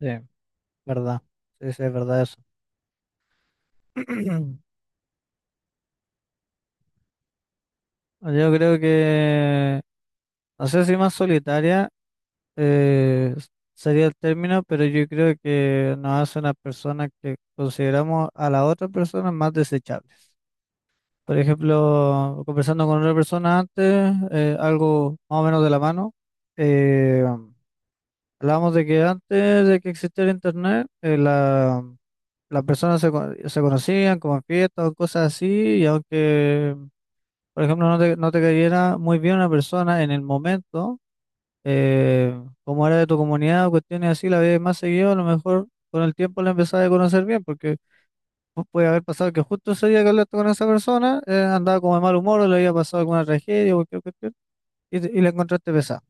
Sí, verdad. Sí, sí, es verdad eso. Yo creo que, no sé si más solitaria eh, s- sería el término, pero yo creo que nos hace una persona que consideramos a la otra persona más desechables. Por ejemplo, conversando con otra persona antes, algo más o menos de la mano, eh, hablábamos de que antes de que existiera internet, las personas se conocían como en fiestas o cosas así, y aunque por ejemplo, no te cayera muy bien una persona en el momento, eh, como era de tu comunidad o cuestiones así, la veías más seguido, a lo mejor con el tiempo la empezabas a conocer bien, porque puede haber pasado que justo ese día que hablaste con esa persona, andaba como de mal humor o le había pasado alguna tragedia o cualquier cuestión, y, y la encontraste pesada,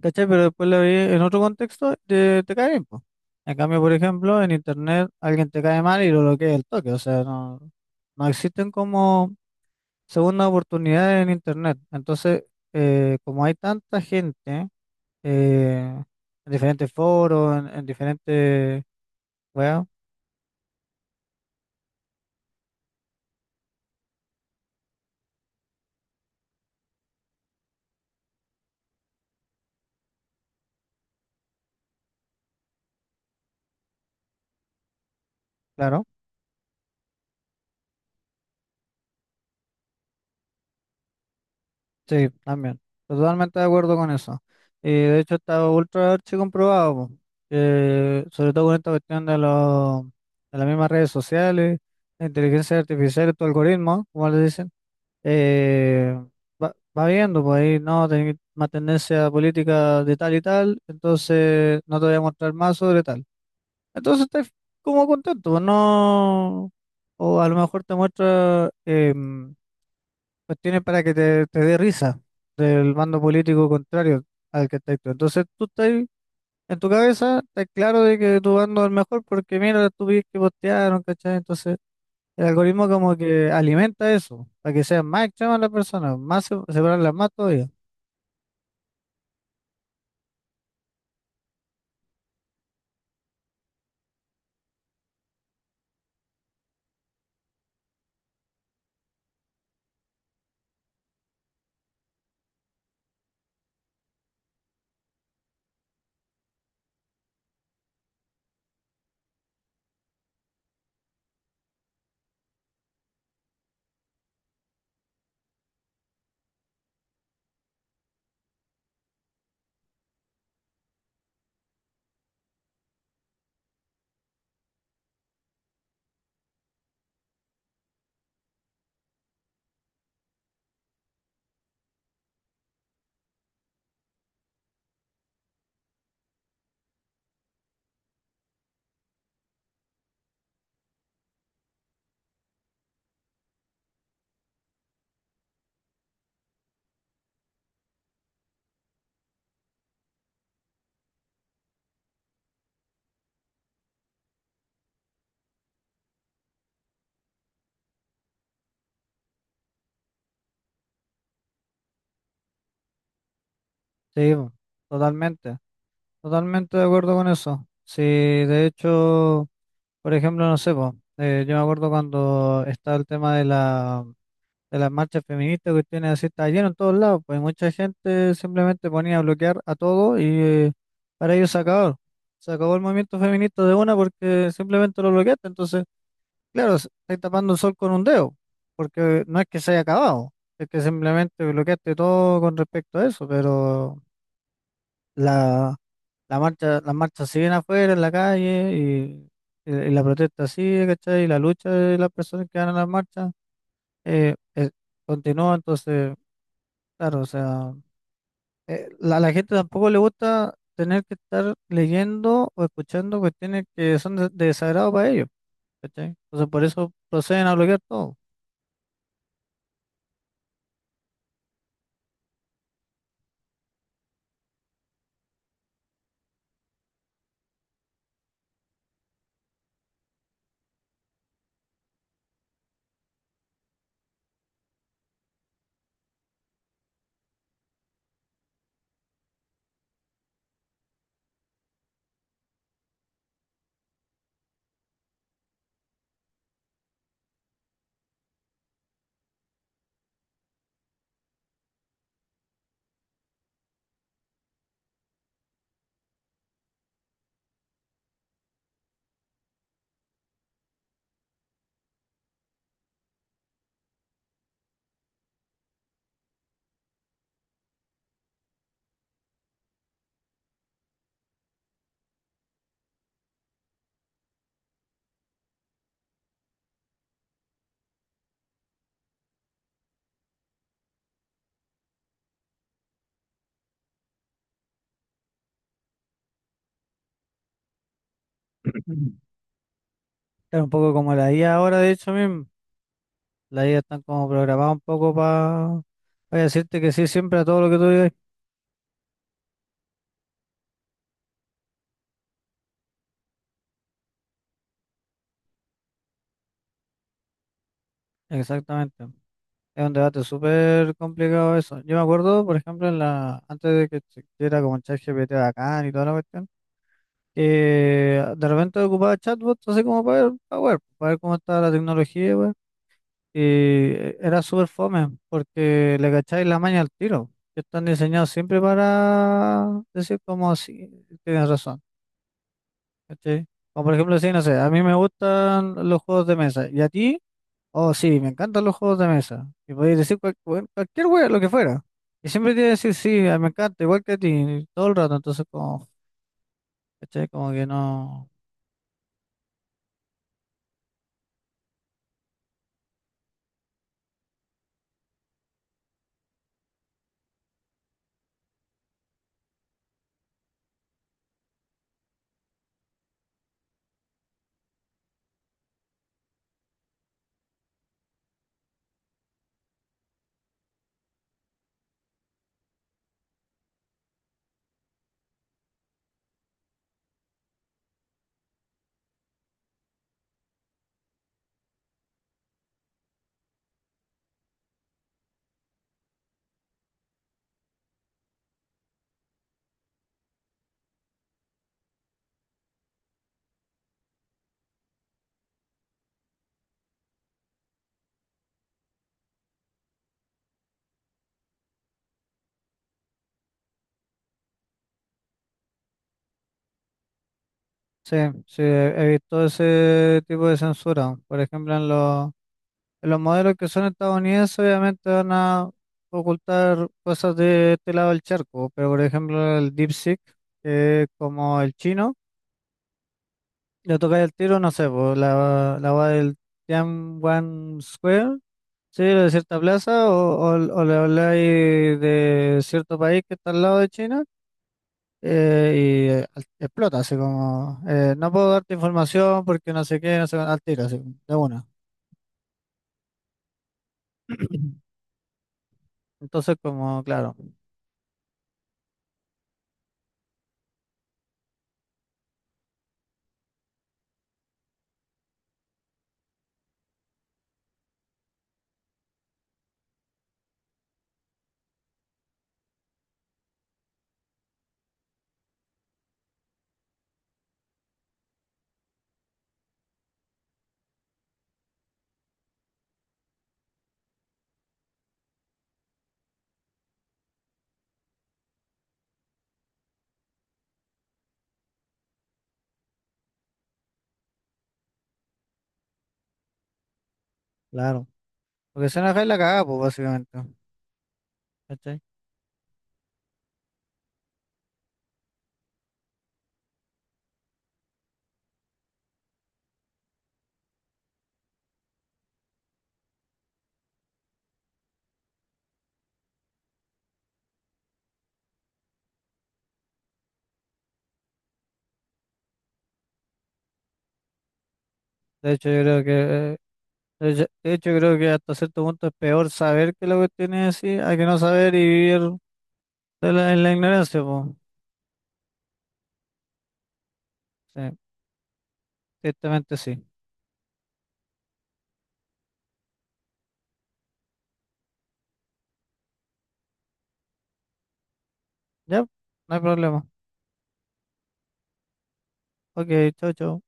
¿cachai? Pero después la vi en otro contexto, te cae bien, po. En cambio, por ejemplo, en internet alguien te cae mal y lo bloquea el toque, o sea, no existen como segunda oportunidad en Internet. Entonces, como hay tanta gente eh, en diferentes foros, en diferentes weas, claro, sí, también. Totalmente de acuerdo con eso. Y de hecho está ultra archi comprobado, po, que sobre todo con esta cuestión de, los de las mismas redes sociales, la inteligencia artificial y tu algoritmo, como le dicen eh, va viendo, pues ahí no, tenés más tendencia política de tal y tal, entonces no te voy a mostrar más sobre tal. Entonces estás como contento, pues no, o a lo mejor te muestra cuestiones para que te dé risa del bando político contrario al que estás tú. Entonces tú estás en tu cabeza, estás claro de que tu bando es el mejor porque mira las estupidez que postearon, ¿cachai? Entonces el algoritmo como que alimenta eso, para que sean más extremas las personas, más separarlas más todavía. Sí, po, totalmente, totalmente de acuerdo con eso. Sí, de hecho, por ejemplo, no sé, po, yo me acuerdo cuando estaba el tema de la, de las marchas feministas, que tiene así, está lleno en todos lados, pues mucha gente simplemente ponía a bloquear a todo y para ellos se acabó. Se acabó el movimiento feminista de una porque simplemente lo bloqueaste, entonces... Claro, estáis tapando el sol con un dedo, porque no es que se haya acabado, es que simplemente bloqueaste todo con respecto a eso, pero la, la marcha, las marchas siguen afuera en la calle y, y la protesta sigue, ¿cachai? Y la lucha de las personas que van a las marchas eh, eh, continúa, entonces, claro, o sea, a la gente tampoco le gusta tener que estar leyendo o escuchando cuestiones que son de desagrado para ellos, ¿cachai? Entonces por eso proceden a bloquear todo. Claro, un poco como la IA ahora, de hecho, mismo. La IA están como programada un poco para decirte que sí siempre a todo lo que tú digas. Exactamente. Es un debate súper complicado eso. Yo me acuerdo, por ejemplo, en la, antes de que existiera como el ChatGPT bacán y toda la cuestión, que de repente ocupaba chatbots así como para ver, para ver, para ver cómo estaba la tecnología, weón. Y era súper fome, porque le cacháis la maña al tiro. Que están diseñados siempre para decir como sí, tienes razón. ¿Cachai? O por ejemplo, sí, no sé, a mí me gustan los juegos de mesa. ¿Y a ti? Oh, sí, me encantan los juegos de mesa. Y podéis decir cualquier hueá, lo que fuera. Y siempre te voy a decir, sí, ah, me encanta, igual que a ti, todo el rato. Entonces, como, ¿cachai? Como que no. Sí, sí, he visto ese tipo de censura. Por ejemplo, en los modelos que son estadounidenses, obviamente van a ocultar cosas de este lado del charco. Pero, por ejemplo, el DeepSeek, que es como el chino. Lo tocáis el tiro, no sé, por la va del Tianwan Square, sí, de cierta plaza, o le habláis de cierto país que está al lado de China, eh, y explota, así como, no puedo darte información porque no sé qué, no sé, cuánto", al tiro, así, de una. Entonces, como, claro, claro. Porque se enoja y la cagada, pues, básicamente. ¿Cachai? De hecho, yo creo que, eh, creo que hasta cierto punto es peor saber que lo que tiene así, hay que no saber y vivir. En la ignorancia, pues. Sí, directamente sí. Ya, no hay problema. Ok, chau, chau.